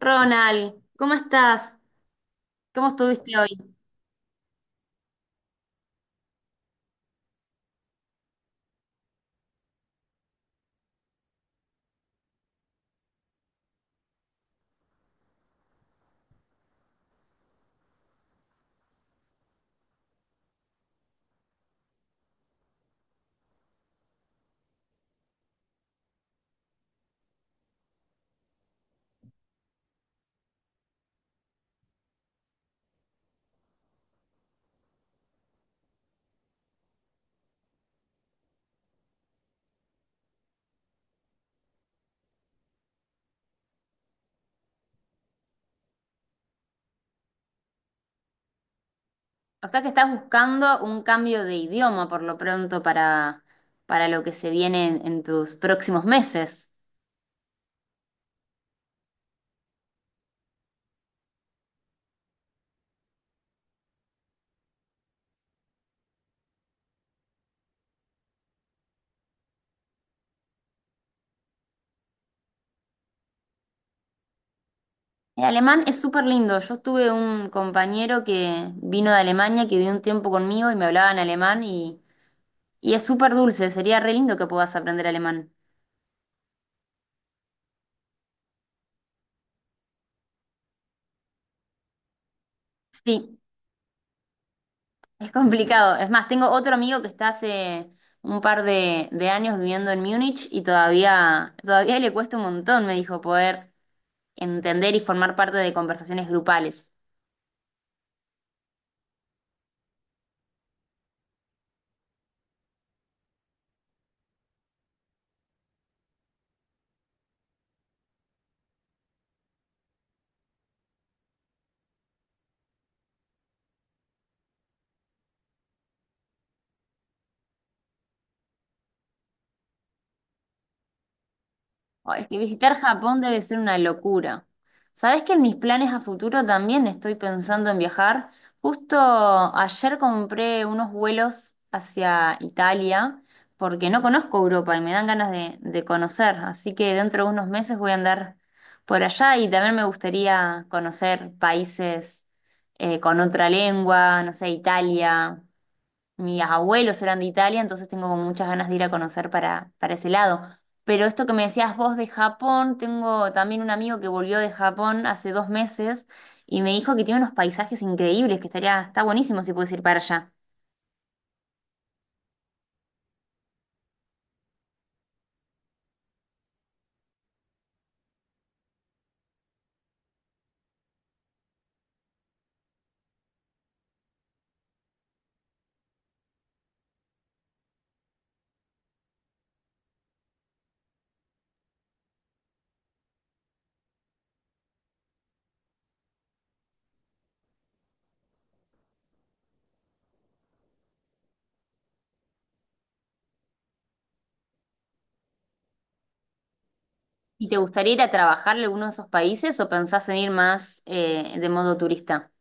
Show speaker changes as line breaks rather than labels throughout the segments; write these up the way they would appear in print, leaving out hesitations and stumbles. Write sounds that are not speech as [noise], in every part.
Ronald, ¿cómo estás? ¿Cómo estuviste hoy? O sea que estás buscando un cambio de idioma por lo pronto para lo que se viene en tus próximos meses. El alemán es súper lindo. Yo tuve un compañero que vino de Alemania, que vivió un tiempo conmigo y me hablaba en alemán y es súper dulce. Sería re lindo que puedas aprender alemán. Sí, es complicado. Es más, tengo otro amigo que está hace un par de años viviendo en Múnich y todavía, todavía le cuesta un montón, me dijo, poder entender y formar parte de conversaciones grupales. Oh, es que visitar Japón debe ser una locura. ¿Sabés que en mis planes a futuro también estoy pensando en viajar? Justo ayer compré unos vuelos hacia Italia porque no conozco Europa y me dan ganas de conocer, así que dentro de unos meses voy a andar por allá y también me gustaría conocer países con otra lengua, no sé, Italia. Mis abuelos eran de Italia, entonces tengo como muchas ganas de ir a conocer para ese lado. Pero esto que me decías vos de Japón, tengo también un amigo que volvió de Japón hace dos meses y me dijo que tiene unos paisajes increíbles, que estaría, está buenísimo si puedes ir para allá. ¿Y te gustaría ir a trabajar a alguno de esos países o pensás en ir más de modo turista?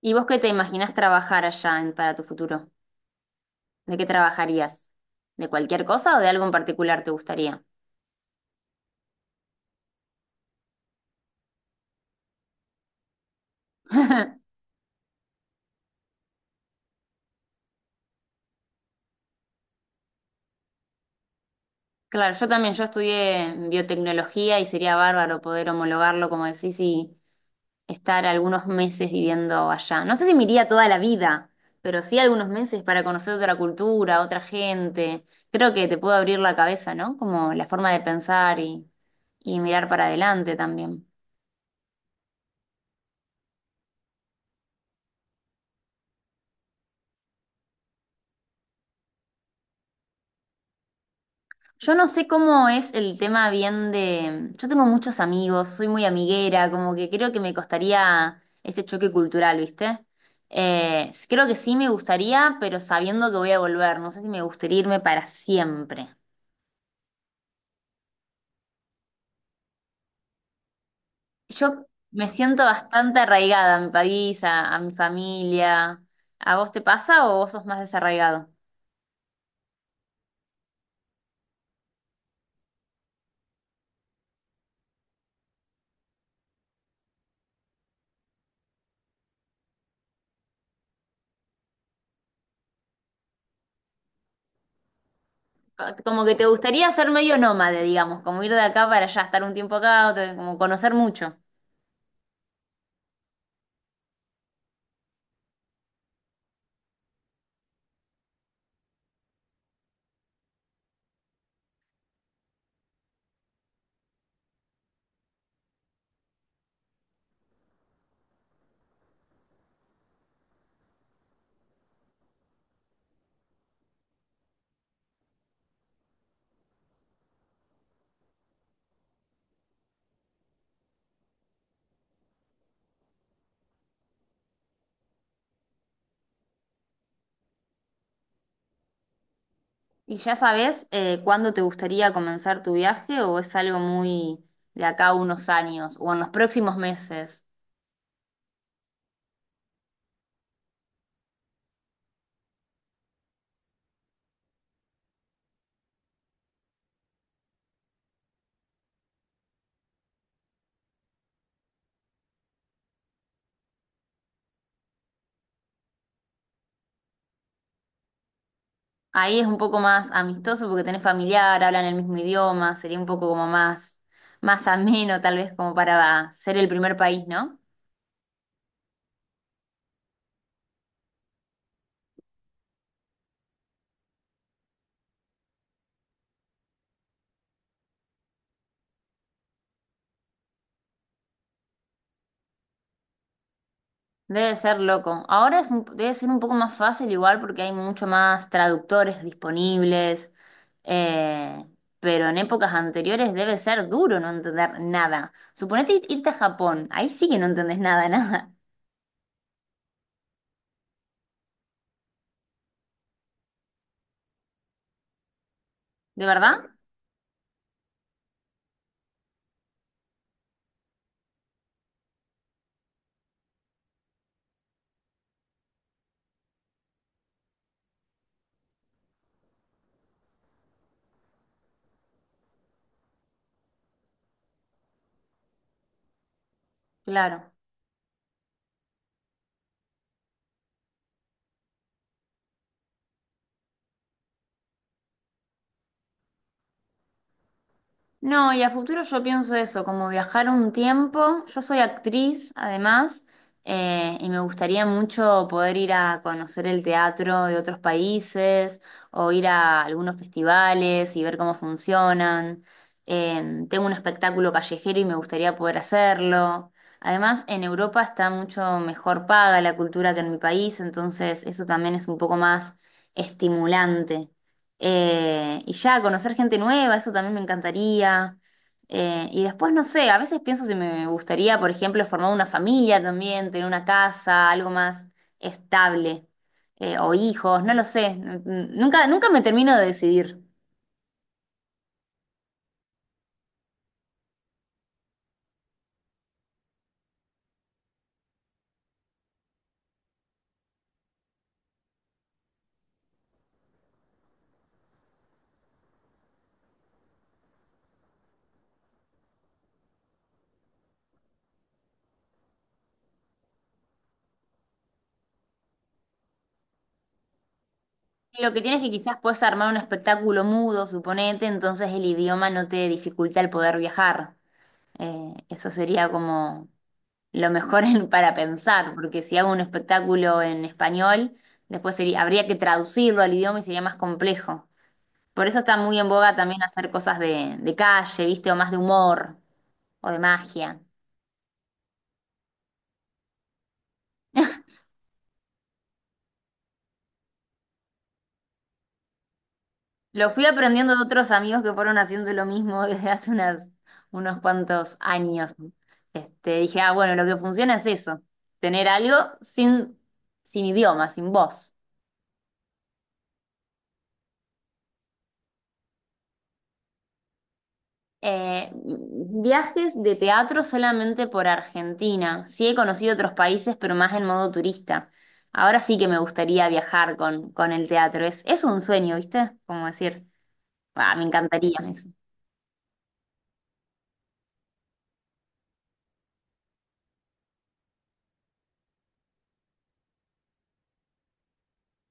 ¿Y vos qué te imaginás trabajar allá en- para tu futuro? ¿De qué trabajarías? ¿De cualquier cosa o de algo en particular te gustaría? [laughs] Claro, yo también, yo estudié biotecnología y sería bárbaro poder homologarlo, como decís, y estar algunos meses viviendo allá. No sé si me iría toda la vida, pero sí algunos meses para conocer otra cultura, otra gente. Creo que te puede abrir la cabeza, ¿no? Como la forma de pensar y mirar para adelante también. Yo no sé cómo es el tema bien de... Yo tengo muchos amigos, soy muy amiguera, como que creo que me costaría ese choque cultural, ¿viste? Creo que sí me gustaría, pero sabiendo que voy a volver, no sé si me gustaría irme para siempre. Yo me siento bastante arraigada a mi país, a mi familia. ¿A vos te pasa o vos sos más desarraigado? Co- Como que te gustaría ser medio nómade, digamos, como ir de acá para allá, estar un tiempo acá, otro- como conocer mucho. ¿Y ya sabes cuándo te gustaría comenzar tu viaje o es algo muy de acá a unos años o en los próximos meses? Ahí es un poco más amistoso porque tenés familiar, hablan el mismo idioma, sería un poco como más, más ameno tal vez como para ser el primer país, ¿no? Debe ser loco. Ahora es un- debe ser un poco más fácil igual porque hay mucho más traductores disponibles, eh, pero en épocas anteriores debe ser duro no entender nada. Suponete ir- irte a Japón, ahí sí que no entendés nada, [laughs] nada. ¿De verdad? Claro. No, y a futuro yo pienso eso, como viajar un tiempo. Yo soy actriz, además, y me gustaría mucho poder ir a conocer el teatro de otros países o ir a algunos festivales y ver cómo funcionan. Tengo un espectáculo callejero y me gustaría poder hacerlo. Además, en Europa está mucho mejor paga la cultura que en mi país, entonces eso también es un poco más estimulante. Y ya, conocer gente nueva, eso también me encantaría. Y después, no sé, a veces pienso si me gustaría, por ejemplo, formar una familia también, tener una casa, algo más estable, o hijos, no lo sé. Nunca, nunca me termino de decidir. Lo que tienes que quizás puedes armar un espectáculo mudo, suponete, entonces el idioma no te dificulta el poder viajar. Eso sería como lo mejor en- para pensar, porque si hago un espectáculo en español, después sería, habría que traducirlo al idioma y sería más complejo. Por eso está muy en boga también hacer cosas de calle, ¿viste? O más de humor o de magia. Lo fui aprendiendo de otros amigos que fueron haciendo lo mismo [laughs] desde hace unas, unos cuantos años. Este, dije, ah, bueno, lo que funciona es eso, tener algo sin, sin idioma, sin voz. Viajes de teatro solamente por Argentina. Sí he conocido otros países, pero más en modo turista. Ahora sí que me gustaría viajar con el teatro. Es un sueño, ¿viste? Como decir, "Ah, me encantaría eso".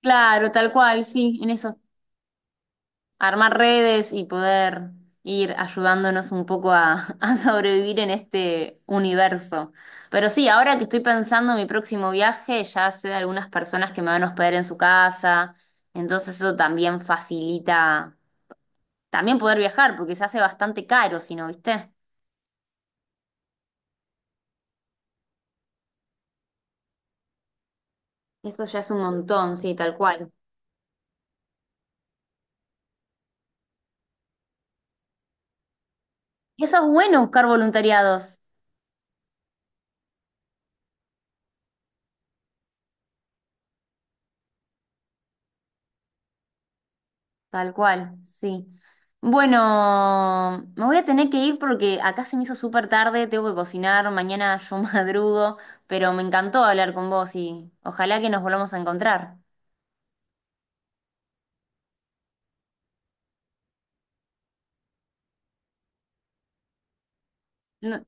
Claro, tal cual, sí, en eso armar redes y poder ir ayudándonos un poco a, [laughs] a sobrevivir en este universo. Pero sí, ahora que estoy pensando en mi próximo viaje, ya sé de algunas personas que me van a hospedar en su casa, entonces eso también facilita también poder viajar, porque se hace bastante caro, si no, ¿viste? Eso ya es un montón, sí, tal cual. Y eso es bueno buscar voluntariados. Tal cual, sí. Bueno, me voy a tener que ir porque acá se me hizo súper tarde, tengo que cocinar, mañana yo [laughs] madrugo, pero me encantó hablar con vos y ojalá que nos volvamos a encontrar. No,